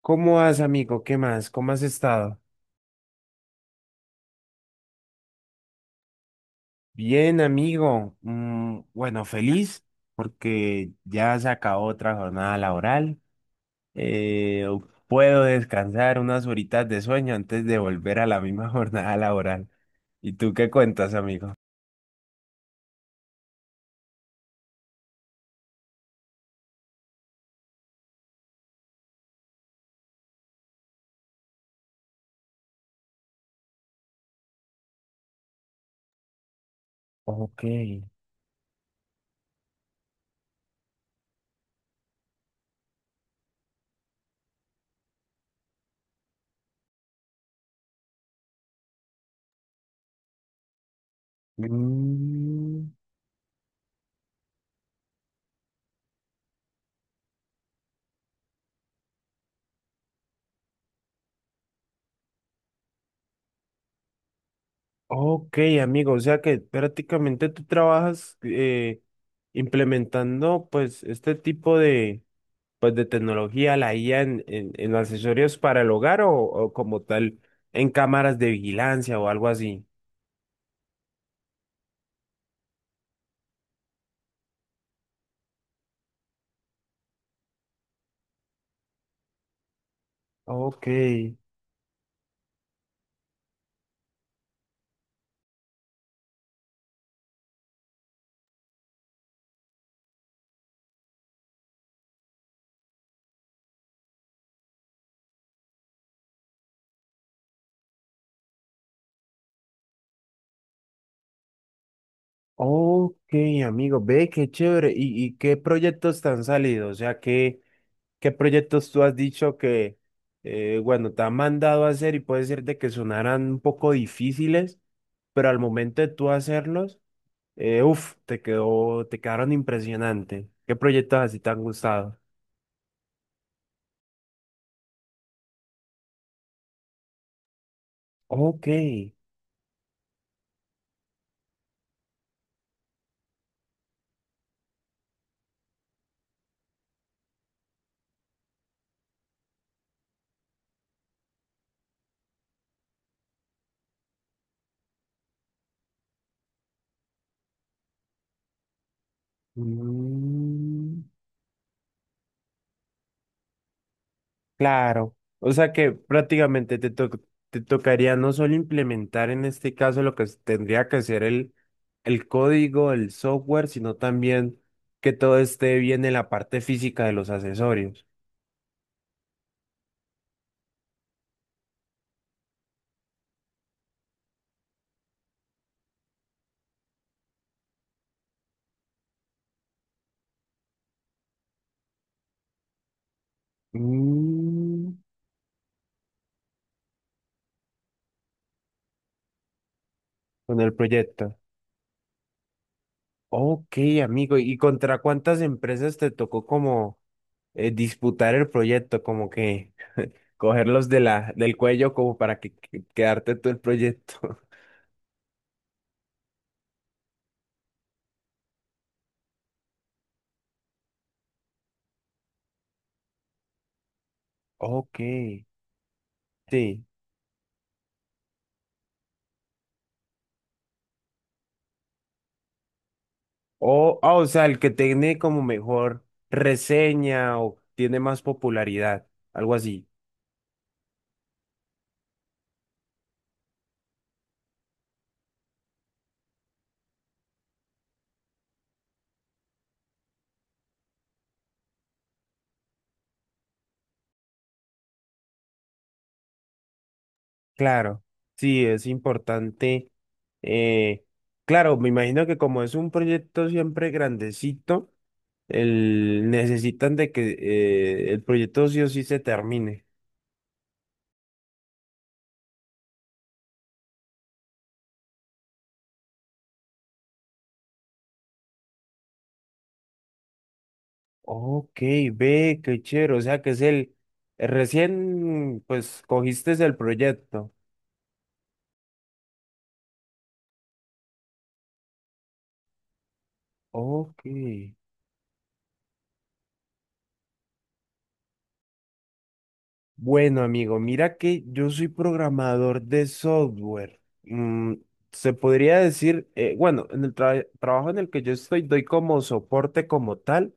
¿Cómo vas, amigo? ¿Qué más? ¿Cómo has estado? Bien, amigo. Mm, bueno, feliz porque ya se acabó otra jornada laboral. Eh, Puedo descansar unas horitas de sueño antes de volver a la misma jornada laboral. ¿Y tú qué cuentas, amigo? Ok. Mm, ok, amigo. O sea que prácticamente tú trabajas implementando pues este tipo de pues de tecnología, la IA en accesorios para el hogar o como tal en cámaras de vigilancia o algo así. Ok, ok, amigo, ve qué chévere. Y qué proyectos te han salido? O sea, ¿qué proyectos tú has dicho que, bueno, te han mandado a hacer y puede ser de que sonaran un poco difíciles, pero al momento de tú hacerlos, te quedaron impresionante. ¿Qué proyectos así te han gustado? Ok. Mm, claro, o sea que prácticamente te tocaría no solo implementar en este caso lo que tendría que ser el código, el software, sino también que todo esté bien en la parte física de los accesorios. Mm, con el proyecto. Ok, amigo, ¿y contra cuántas empresas te tocó como disputar el proyecto, como que cogerlos de la, del cuello como para que, quedarte tú el proyecto? Ok. Sí. O, ah, o sea, el que tiene como mejor reseña o tiene más popularidad, algo así. Claro, sí, es importante. eh, claro, me imagino que como es un proyecto siempre grandecito, el, necesitan de que el proyecto sí o sí se termine. Ok, ve, qué chévere. O sea, que es el, recién, pues, cogiste el proyecto. Ok. Bueno, amigo, mira que yo soy programador de software. Mm, se podría decir, bueno, en el trabajo en el que yo estoy, doy como soporte como tal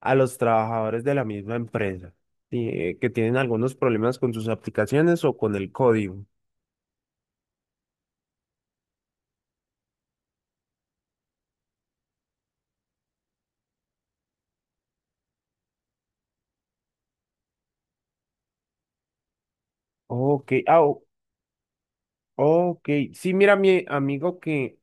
a los trabajadores de la misma empresa, sí, que tienen algunos problemas con sus aplicaciones o con el código. Ok, ah, Ok, sí, mira, mi amigo que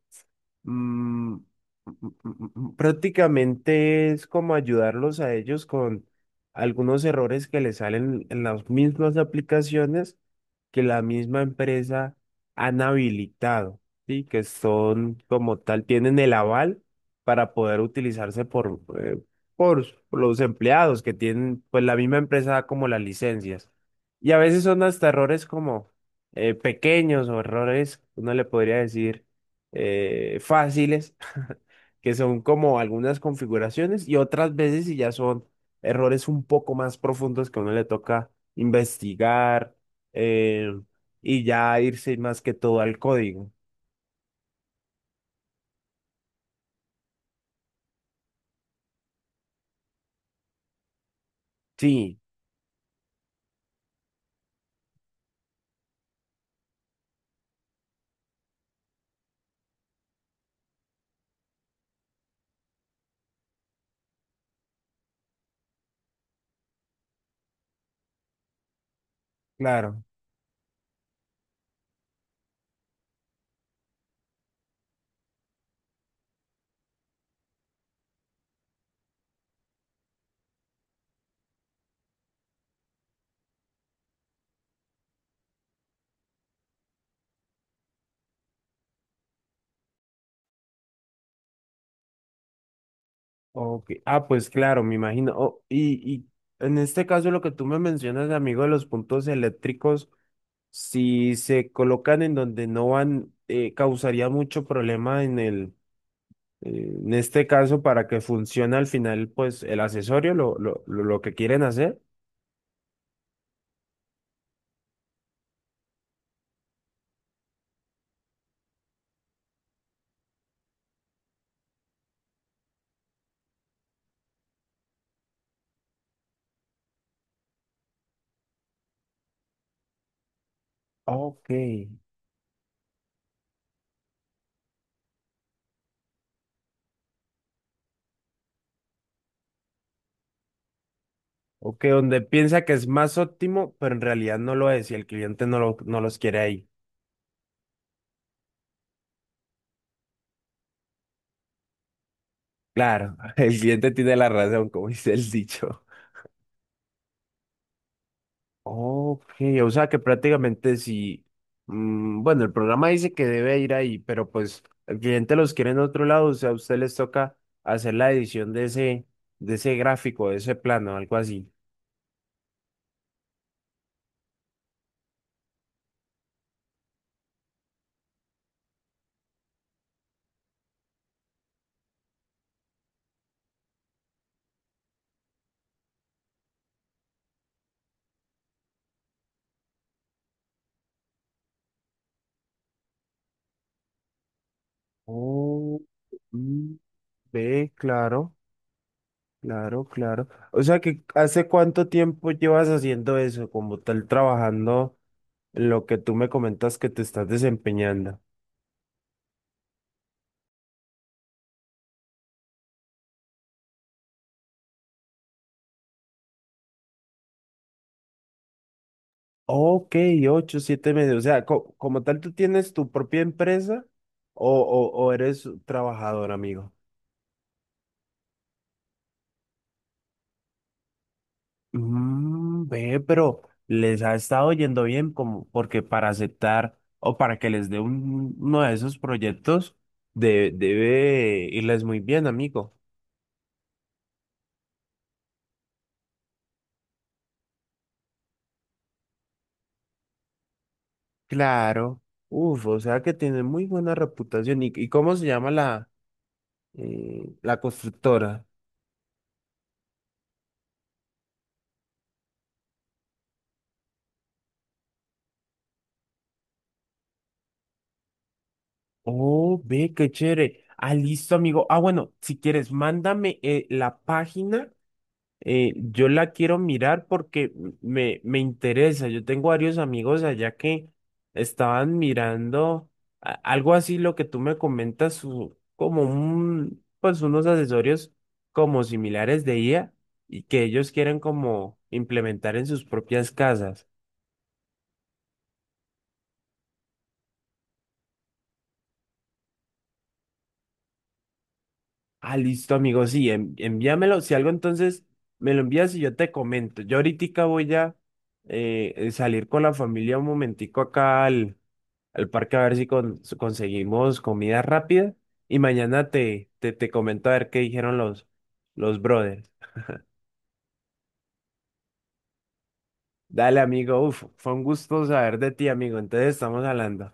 mm, prácticamente es como ayudarlos a ellos con algunos errores que les salen en las mismas aplicaciones que la misma empresa han habilitado, ¿sí? Que son como tal, tienen el aval para poder utilizarse por, por los empleados que tienen, pues la misma empresa da como las licencias. Y a veces son hasta errores como pequeños o errores, uno le podría decir fáciles, que son como algunas configuraciones y otras veces si ya son errores un poco más profundos que a uno le toca investigar eh, y ya irse más que todo al código. Sí, claro. Ok. Ah, pues claro, me imagino. Oh, y en este caso lo que tú me mencionas, amigo, de los puntos eléctricos. Si se colocan en donde no van, causaría mucho problema en el, en este caso para que funcione al final, pues el accesorio, lo lo que quieren hacer. Ok. Ok, donde piensa que es más óptimo, pero en realidad no lo es y el cliente no, lo, no los quiere ahí. Claro, el cliente tiene la razón, como dice el dicho. Ok, o sea que prácticamente si, mm, bueno, el programa dice que debe ir ahí, pero pues el cliente los quiere en otro lado, o sea, a usted les toca hacer la edición de ese gráfico, de ese plano, algo así. Oh, mm, ve, claro, claro, claro. O sea que ¿hace cuánto tiempo llevas haciendo eso, como tal, trabajando en lo que tú me comentas que te estás desempeñando? Ok, ocho, siete meses. O sea, como tal, ¿tú tienes tu propia empresa o eres trabajador, amigo? Mm, ve, pero les ha estado yendo bien como porque para aceptar o para que les dé uno de esos proyectos debe irles muy bien, amigo. Claro. Uf, o sea que tiene muy buena reputación. Y cómo se llama la, la constructora? Oh, ve, qué chévere. Ah, listo, amigo. Ah, bueno, si quieres, mándame la página. Yo la quiero mirar porque me interesa. Yo tengo varios amigos allá que estaban mirando algo así, lo que tú me comentas, como un, pues unos accesorios como similares de IA y que ellos quieren como implementar en sus propias casas. Ah, listo, amigo. Sí, envíamelo. Si algo, entonces me lo envías y yo te comento. Yo ahorita voy a salir con la familia un momentico acá al, al parque a ver si si conseguimos comida rápida. Y mañana te comento a ver qué dijeron los brothers. Dale, amigo. Uf, fue un gusto saber de ti, amigo. Entonces estamos hablando.